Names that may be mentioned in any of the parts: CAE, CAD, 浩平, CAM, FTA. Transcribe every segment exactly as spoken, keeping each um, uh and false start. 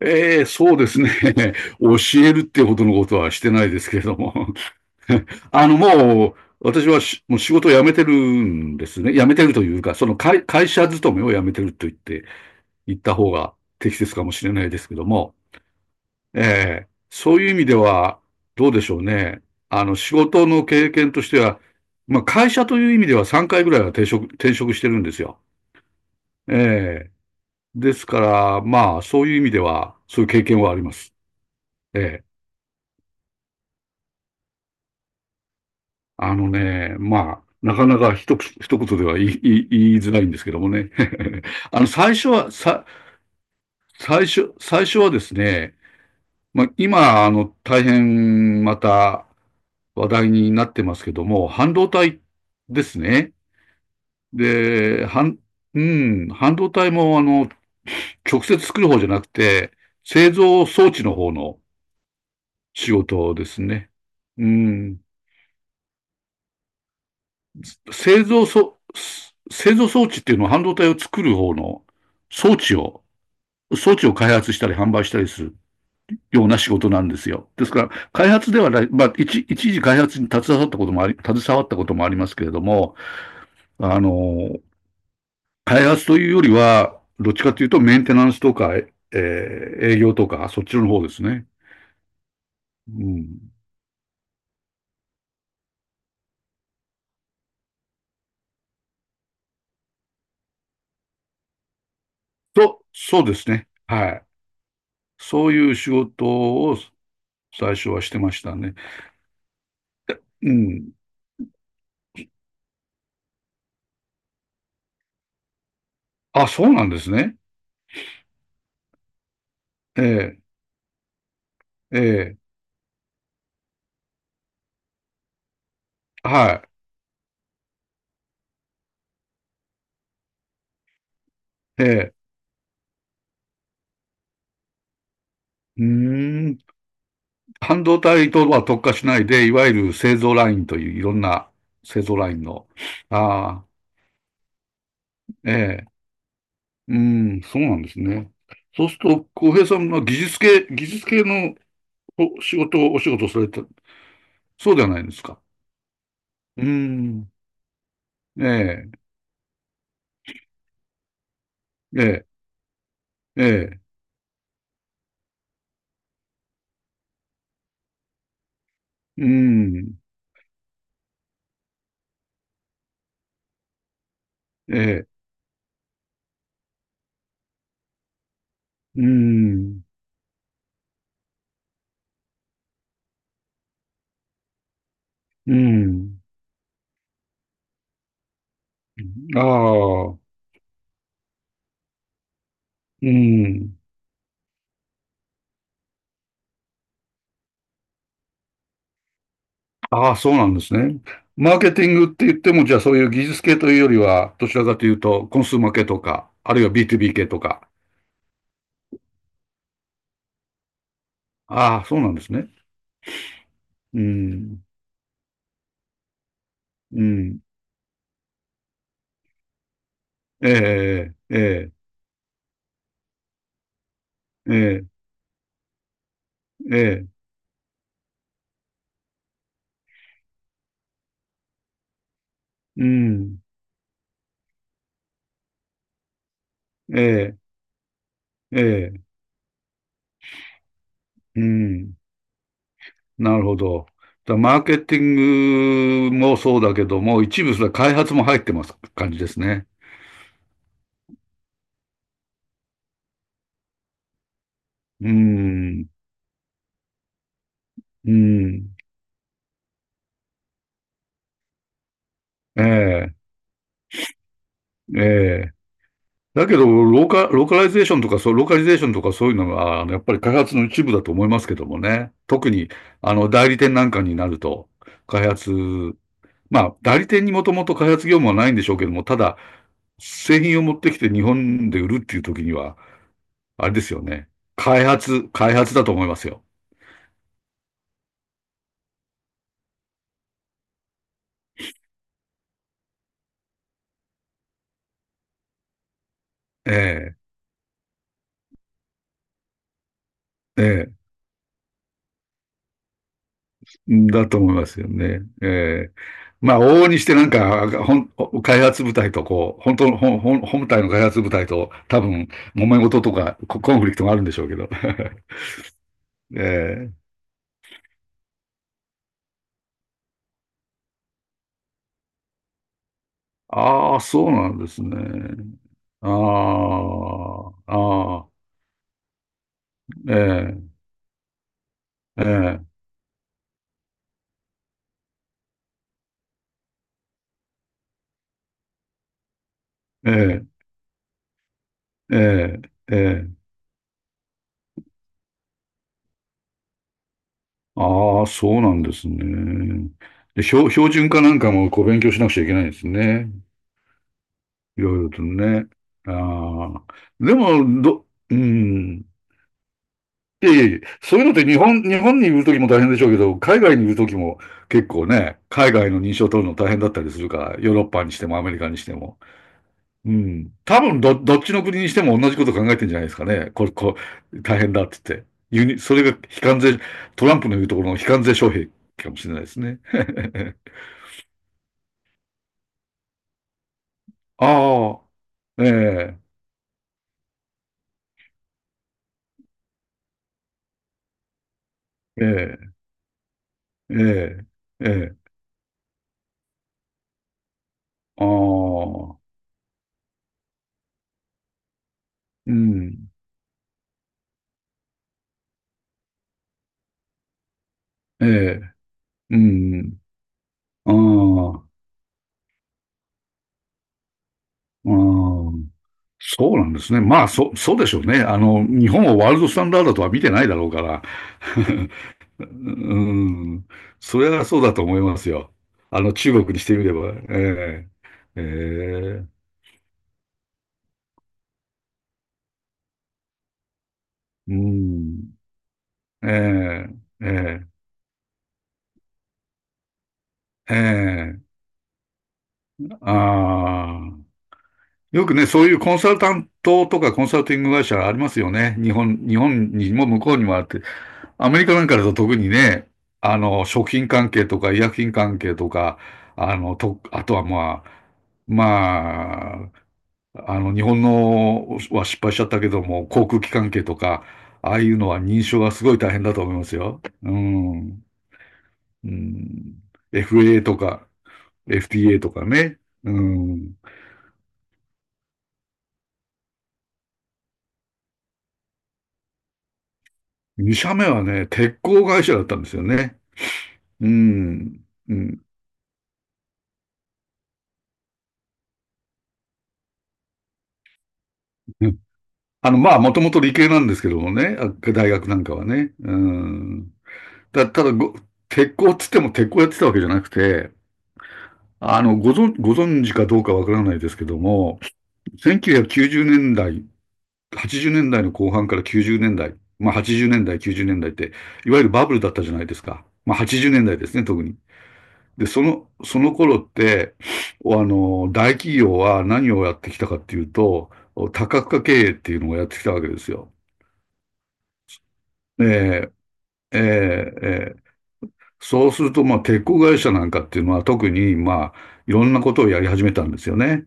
ええ、そうですね。教えるってほどのことはしてないですけれども。あの、もう、私はしもう仕事を辞めてるんですね。辞めてるというか、その会、会社勤めを辞めてると言って、言った方が適切かもしれないですけども。ええ、そういう意味では、どうでしょうね。あの、仕事の経験としては、まあ、会社という意味ではさんかいぐらいは転職、転職してるんですよ。ええ。ですから、まあ、そういう意味では、そういう経験はあります。ええ。あのね、まあ、なかなか一口、一言では言い、言い、言いづらいんですけどもね。あの、最初は、さ、最初、最初はですね、まあ、今、あの、大変また話題になってますけども、半導体ですね。で、半、うん、半導体も、あの、直接作る方じゃなくて、製造装置の方の仕事ですね。うん。製造そ、製造装置っていうのは半導体を作る方の装置を、装置を開発したり販売したりするような仕事なんですよ。ですから、開発ではない、まあ、一一時開発に携わったこともあり、携わったこともありますけれども、あの、開発というよりは、どっちかというとメンテナンスとか、えー営業とか、そっちの方ですね。うん。と、そうですね。はい。そういう仕事を最初はしてましたね。うん。あ、そうなんですね。ええ、ええ、はい、ええ、うーん、半導体とは特化しないで、いわゆる製造ラインといういろんな製造ラインの、ああ、ええ、うん、そうなんですね。そうすると、浩平さんは技術系、技術系のお仕事を、お仕事をされた、そうではないですか。うーん、ええ、ええ、ええ、うーん、ええ、うーん、うーん、ああ、うーん、ああ、そうなんですね。マーケティングって言っても、じゃあそういう技術系というよりは、どちらかというと、コンスーマー系とか、あるいは ビーツービー 系とか。ああ、そうなんですね。うん、うん、ええ、ええ、ええ、ええ、うん、ええ、ええ、うん、なるほど。だからマーケティングもそうだけども、一部それ開発も入ってます感じですね。うん、うん、ええ、ええ。だけど、ローカ、ローカライゼーションとか、そう、ローカリゼーションとかそういうのが、あの、やっぱり開発の一部だと思いますけどもね。特に、あの、代理店なんかになると、開発、まあ、代理店にもともと開発業務はないんでしょうけども、ただ、製品を持ってきて日本で売るっていう時には、あれですよね。開発、開発だと思いますよ。ええ、ええ。だと思いますよね。ええまあ、往々にしてなんか、ほん、開発部隊とこう、本当の、ほん、ほん本体の開発部隊と多分、揉め事とか、ココンフリクトがあるんでしょうけど。ええああ、そうなんですね。ああ、ああ、えええええええええああ、そうなんですね。で、標、標準化なんかもこう勉強しなくちゃいけないんですね。いろいろとね。ああ。でも、ど、うん。いやいやいやそういうのって日本、日本にいるときも大変でしょうけど、海外にいるときも結構ね、海外の認証を取るの大変だったりするから、ヨーロッパにしてもアメリカにしても。うん。多分ど、どっちの国にしても同じこと考えてるんじゃないですかね。これ、こう、大変だって言って。輸入それが非関税、トランプの言うところの非関税障壁かもしれないですね。ああ、ええ、ええ、ええ、ええ、ああ。うん。ええ。うん。ああ。ああ。そうなんですね。まあ、そ、そうでしょうね。あの、日本をワールドスタンダードとは見てないだろうから。うん。それはそうだと思いますよ。あの、中国にしてみれば。ええ。ええ。うん。ええ。ええ。ええ。ああ。よくね、そういうコンサルタントとかコンサルティング会社ありますよね。日本、日本にも向こうにもあって。アメリカなんかだと特にね、あの、食品関係とか医薬品関係とか、あの、と、あとはまあ、まあ、あの、日本のは失敗しちゃったけども、航空機関係とか、ああいうのは認証がすごい大変だと思いますよ。うん。うん。f a とか、エフティーエー とかね。うん。に社目はね、鉄鋼会社だったんですよね。うん。うん。あの、まあ、もともと理系なんですけどもね、あ大学なんかはね。うん。だ、ただご、鉄鋼っつっても鉄鋼やってたわけじゃなくて、あの、ご存、ご存知かどうかわからないですけども、せんきゅうひゃくきゅうじゅうねんだい、はちじゅうねんだいの後半からきゅうじゅうねんだい、まあはちじゅうねんだい、きゅうじゅうねんだいって、いわゆるバブルだったじゃないですか。まあはちじゅうねんだいですね、特に。で、その、その頃って、あの、大企業は何をやってきたかっていうと、多角化経営っていうのをやってきたわけですよ。ええええ、ええ。そうすると、まあ、鉄鋼会社なんかっていうのは特に、まあ、いろんなことをやり始めたんですよね。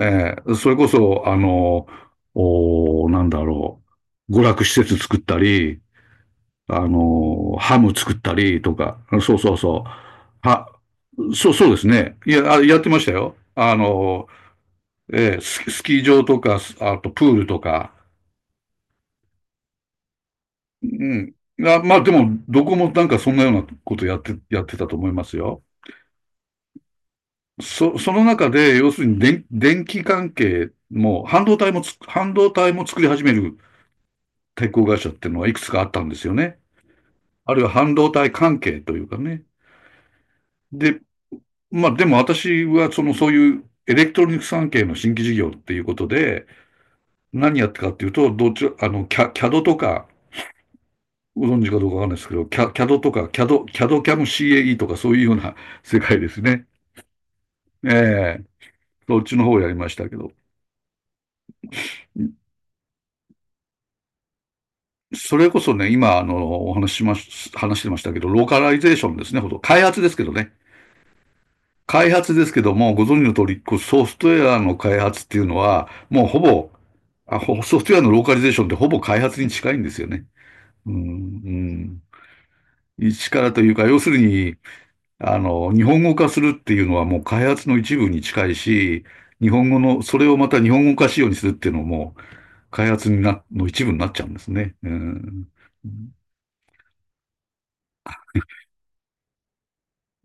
ええ、それこそ、あの、おー、なんだろう、娯楽施設作ったり、あの、ハム作ったりとか、そうそうそう。は、そう、そうですね。いや、あやってましたよ。あの、ええ、ススキー場とか、すあとプールとか。うん。あまあ、でも、どこもなんかそんなようなことやって、やってたと思いますよ。そ、その中で、要するに電、電気関係も、半導体もつ、半導体も作り始める鉄鋼会社っていうのはいくつかあったんですよね。あるいは半導体関係というかね。で、まあでも私はそのそういうエレクトロニクス関係の新規事業っていうことで、何やってかっていうと、どっち、あの、キャ、キャド とか、ご存知かどうかわかんないですけど、キャ、CAD とか、CAD、CAD CAM CAE とかそういうような世界ですね。ええーそっちの方をやりましたけど。それこそね、今、あの、お話しまし、話してましたけど、ローカライゼーションですね、ほとんど開発ですけどね。開発ですけども、ご存知の通り、こうソフトウェアの開発っていうのは、もうほぼ、あほソフトウェアのローカリゼーションってほぼ開発に近いんですよね。うん、うん。一からというか、要するに、あの、日本語化するっていうのはもう開発の一部に近いし、日本語の、それをまた日本語化仕様にするっていうのも、開発になの一部になっちゃうんですね。うん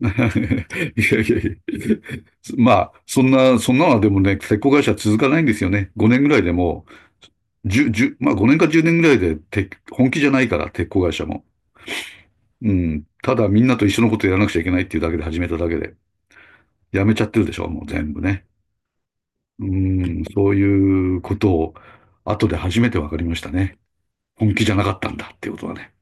いやいやいや。まあ、そんな、そんなのはでもね、鉄鋼会社続かないんですよね。ごねんぐらいでもう、1まあごねんかじゅうねんぐらいで鉄、本気じゃないから、鉄鋼会社も。うん。ただみんなと一緒のことやらなくちゃいけないっていうだけで始めただけで、やめちゃってるでしょ、もう全部ね。うん、そういうことを後で初めて分かりましたね。本気じゃなかったんだっていうことはね。